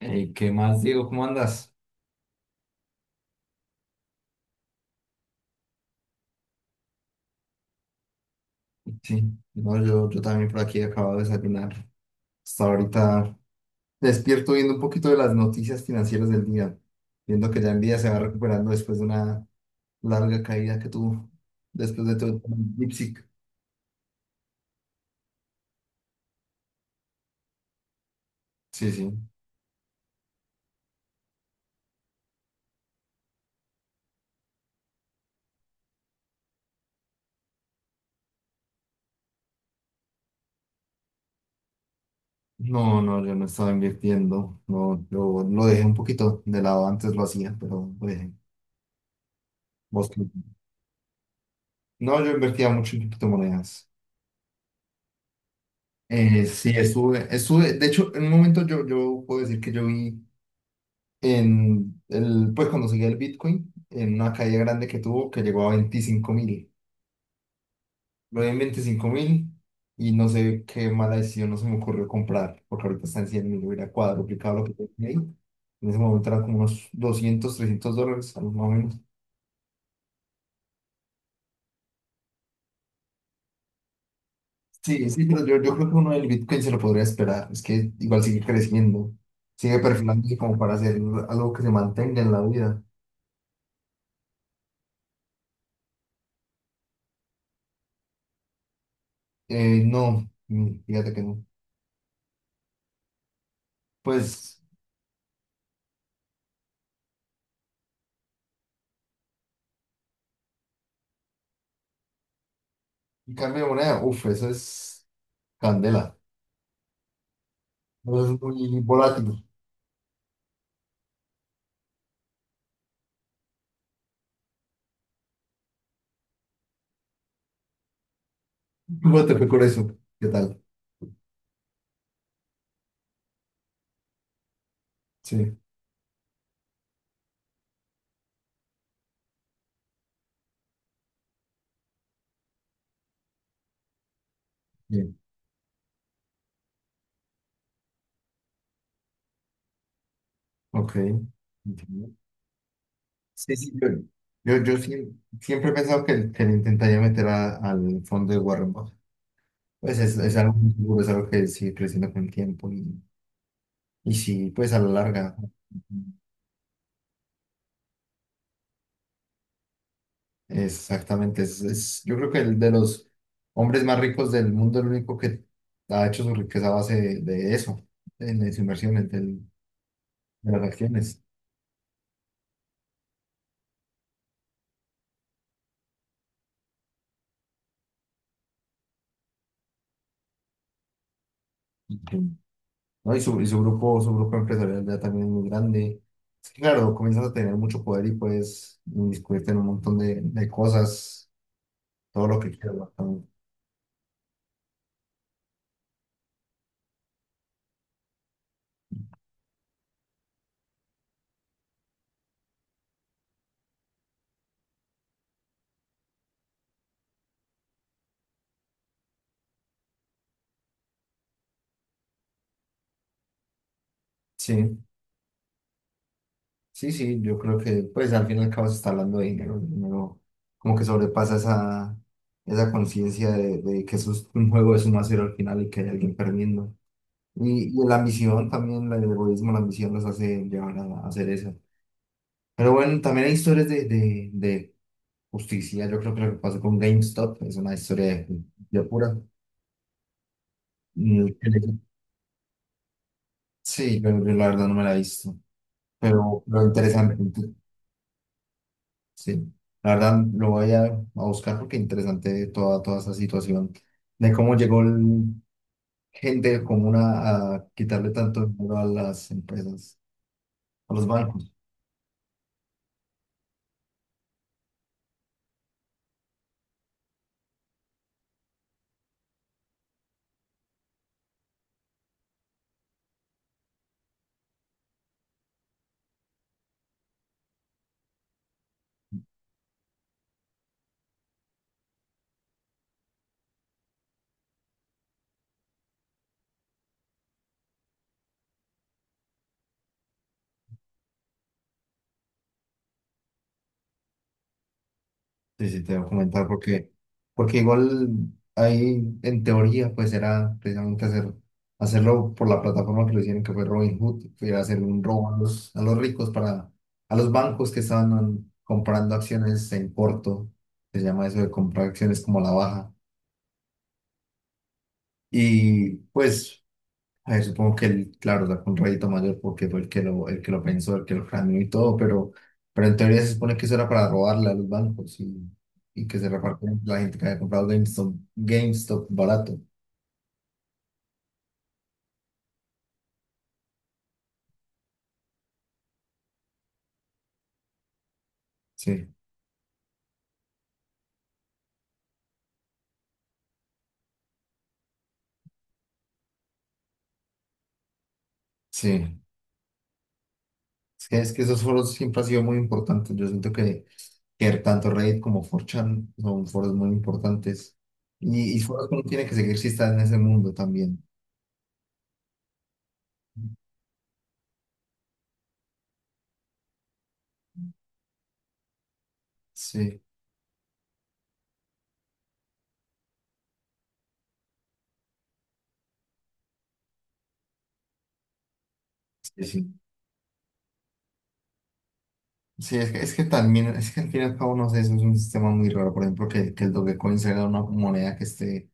¿Qué más, Diego? ¿Cómo andas? Sí, no, yo también por aquí acabo de desayunar. Hasta ahorita despierto viendo un poquito de las noticias financieras del día, viendo que ya el día se va recuperando después de una larga caída que tuvo, después de todo el DeepSeek. Sí, sí. No, no, yo no estaba invirtiendo. No, yo lo dejé un poquito de lado, antes lo hacía, pero lo dejé. ¿Vos qué? No, yo invertía mucho en criptomonedas. Sí, estuve, de hecho, en un momento yo puedo decir que yo vi en el, pues cuando seguía el Bitcoin, en una caída grande que tuvo que llegó a 25.000. Lo vi en 25.000 y no sé qué mala decisión no se me ocurrió comprar, porque ahorita está en 100.000, hubiera cuadruplicado lo que tenía ahí. En ese momento eran como unos 200 $300, algo más o menos. Sí, sí, pero yo creo que uno del Bitcoin se lo podría esperar. Es que igual sigue creciendo, sigue perfilándose como para hacer algo que se mantenga en la vida. No, fíjate que no. Pues, y cambio de moneda, uff, eso es. Candela. No es muy volátil. ¿Cómo te fue con eso? ¿Qué tal? Sí, bien. Ok. Entiendo. Sí, sí, yo siempre he pensado que le intentaría meter al fondo de Warren Buffett. Pues es algo muy seguro, es algo que sigue creciendo con el tiempo y sí, pues a la larga. Exactamente. Yo creo que el de los hombres más ricos del mundo, el único que ha hecho su riqueza a base de eso, de su inversión, de las acciones. ¿No? Y su grupo empresarial ya también es muy grande. Es que, claro, comienzas a tener mucho poder y puedes inmiscuirte en un montón de cosas, todo lo que quieras, básicamente. Sí, sí, sí, yo creo que pues al fin y al cabo se está hablando de dinero, el dinero como que sobrepasa esa conciencia de que eso es un juego de suma cero al final y que hay alguien perdiendo. Y la ambición también, el egoísmo, la ambición los hace llevar a hacer eso. Pero bueno, también hay historias de justicia. Yo creo que lo que pasó con GameStop es una historia de pura. Mm, sí, pero yo la verdad no me la he visto. Pero lo interesante, sí. La verdad lo voy a buscar porque interesante toda esa situación de cómo llegó gente común a quitarle tanto dinero a las empresas, a los bancos. Sí, sí, te voy a comentar porque igual ahí en teoría pues era precisamente hacerlo por la plataforma que lo hicieron, que fue Robinhood, que era hacer un robo a los ricos, para, a los bancos que estaban comprando acciones en corto. Se llama eso de comprar acciones como a la baja. Y pues a ver, supongo que él, claro, sacó un rédito mayor porque fue el que lo pensó, el que lo planeó y todo, pero en teoría se supone que eso era para robarle a los bancos y que se repartieran la gente que había comprado GameStop barato. Sí, sí. Es que esos foros siempre han sido muy importantes. Yo siento que tanto Reddit como 4chan son foros muy importantes. Y foros que uno tiene que seguir si está en ese mundo también. Sí, sí, sí. Sí, es que también, es que al fin y al cabo, no sé, eso es un sistema muy raro, por ejemplo, que el Dogecoin sea una moneda que esté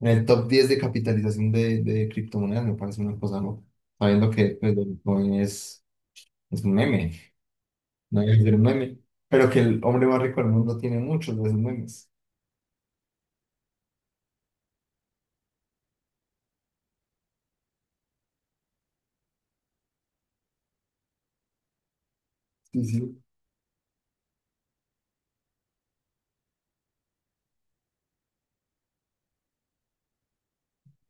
en el top 10 de capitalización de criptomonedas, me parece una cosa, ¿no? Sabiendo que el Dogecoin es un meme, no es un meme, pero que el hombre más rico del mundo tiene muchos de esos memes. Sí, sí.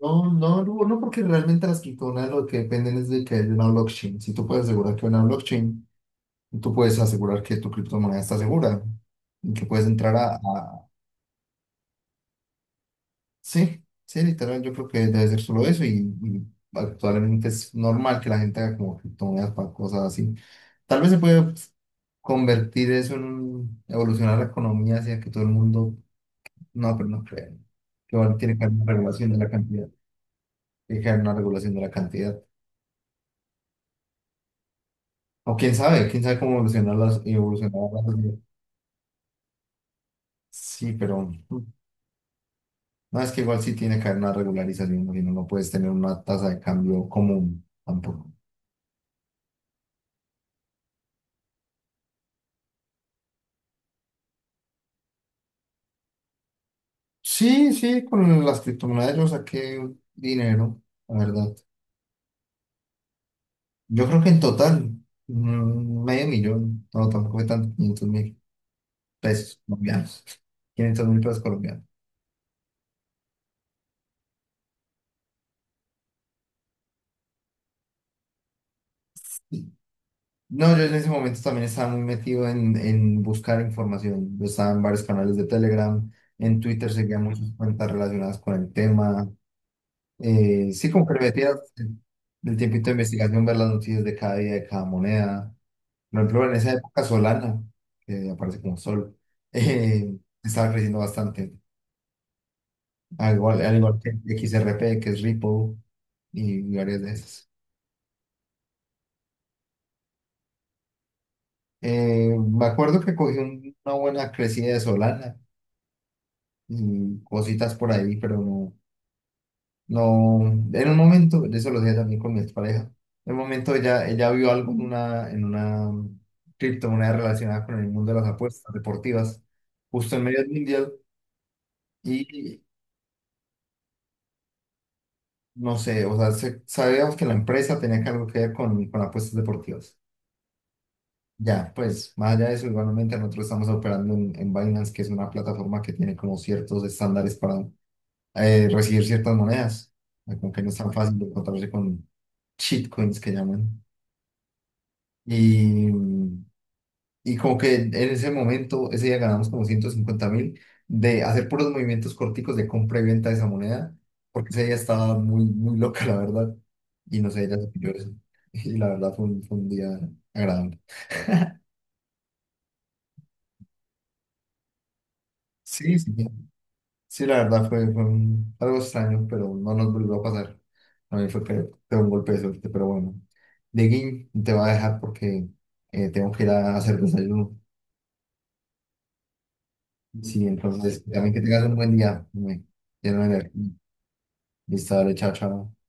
No, no, no, no, porque realmente las criptomonedas lo que dependen es de que haya una blockchain. Si tú puedes asegurar que hay una blockchain, tú puedes asegurar que tu criptomoneda está segura y que puedes entrar a Sí, sí, literal, yo creo que debe ser solo eso y actualmente es normal que la gente haga como criptomonedas para cosas así. Tal vez se puede, pues, convertir eso en evolucionar la economía hacia que todo el mundo, no, pero no creo, que igual tiene que haber una regulación de la cantidad, tiene que haber una regulación de la cantidad. O quién sabe cómo evolucionar la sociedad. Sí, pero no, es que igual sí tiene que haber una regularización, porque si no, no puedes tener una tasa de cambio común tampoco. Sí, sí, con las criptomonedas yo saqué dinero, la verdad. Yo creo que en total, medio millón, no, tampoco fue tanto, 500 mil pesos colombianos. 500.000 pesos colombianos. No, yo en ese momento también estaba muy metido en buscar información. Yo estaba en varios canales de Telegram, en Twitter seguía muchas cuentas relacionadas con el tema. Sí, como que le metía el tiempito de investigación, ver las noticias de cada día, de cada moneda. Por ejemplo, en esa época Solana, que aparece como Sol, eh, estaba creciendo bastante. Al igual que XRP, que es Ripple, y varias de esas. Me acuerdo que cogí una buena crecida de Solana y cositas por ahí, pero no, no, en un momento, de eso lo dije también con mi expareja. En un momento ella vio algo en una criptomoneda relacionada con el mundo de las apuestas deportivas, justo en medio del mundial, y no sé, o sea, sabíamos que la empresa tenía que algo que ver con apuestas deportivas. Ya, pues, más allá de eso, igualmente nosotros estamos operando en Binance, que es una plataforma que tiene como ciertos estándares para recibir ciertas monedas, como que no es tan fácil de encontrarse con shitcoins, que llaman. Y, Y como que en ese momento, ese día ganamos como 150 mil de hacer puros movimientos corticos de compra y venta de esa moneda, porque ese día estaba muy, muy loca, la verdad. Y no sé, ella se pilló eso. Y la verdad fue un día agradable. Sí, sí, sí, la verdad fue algo extraño, pero no nos volvió a pasar. A mí fue que fue un golpe de suerte, pero bueno. Dieguín, te va a dejar porque tengo que ir a hacer desayuno. Sí, entonces, también que tengas un buen día. Me- Ya no me- Listo, dale, chao, chao.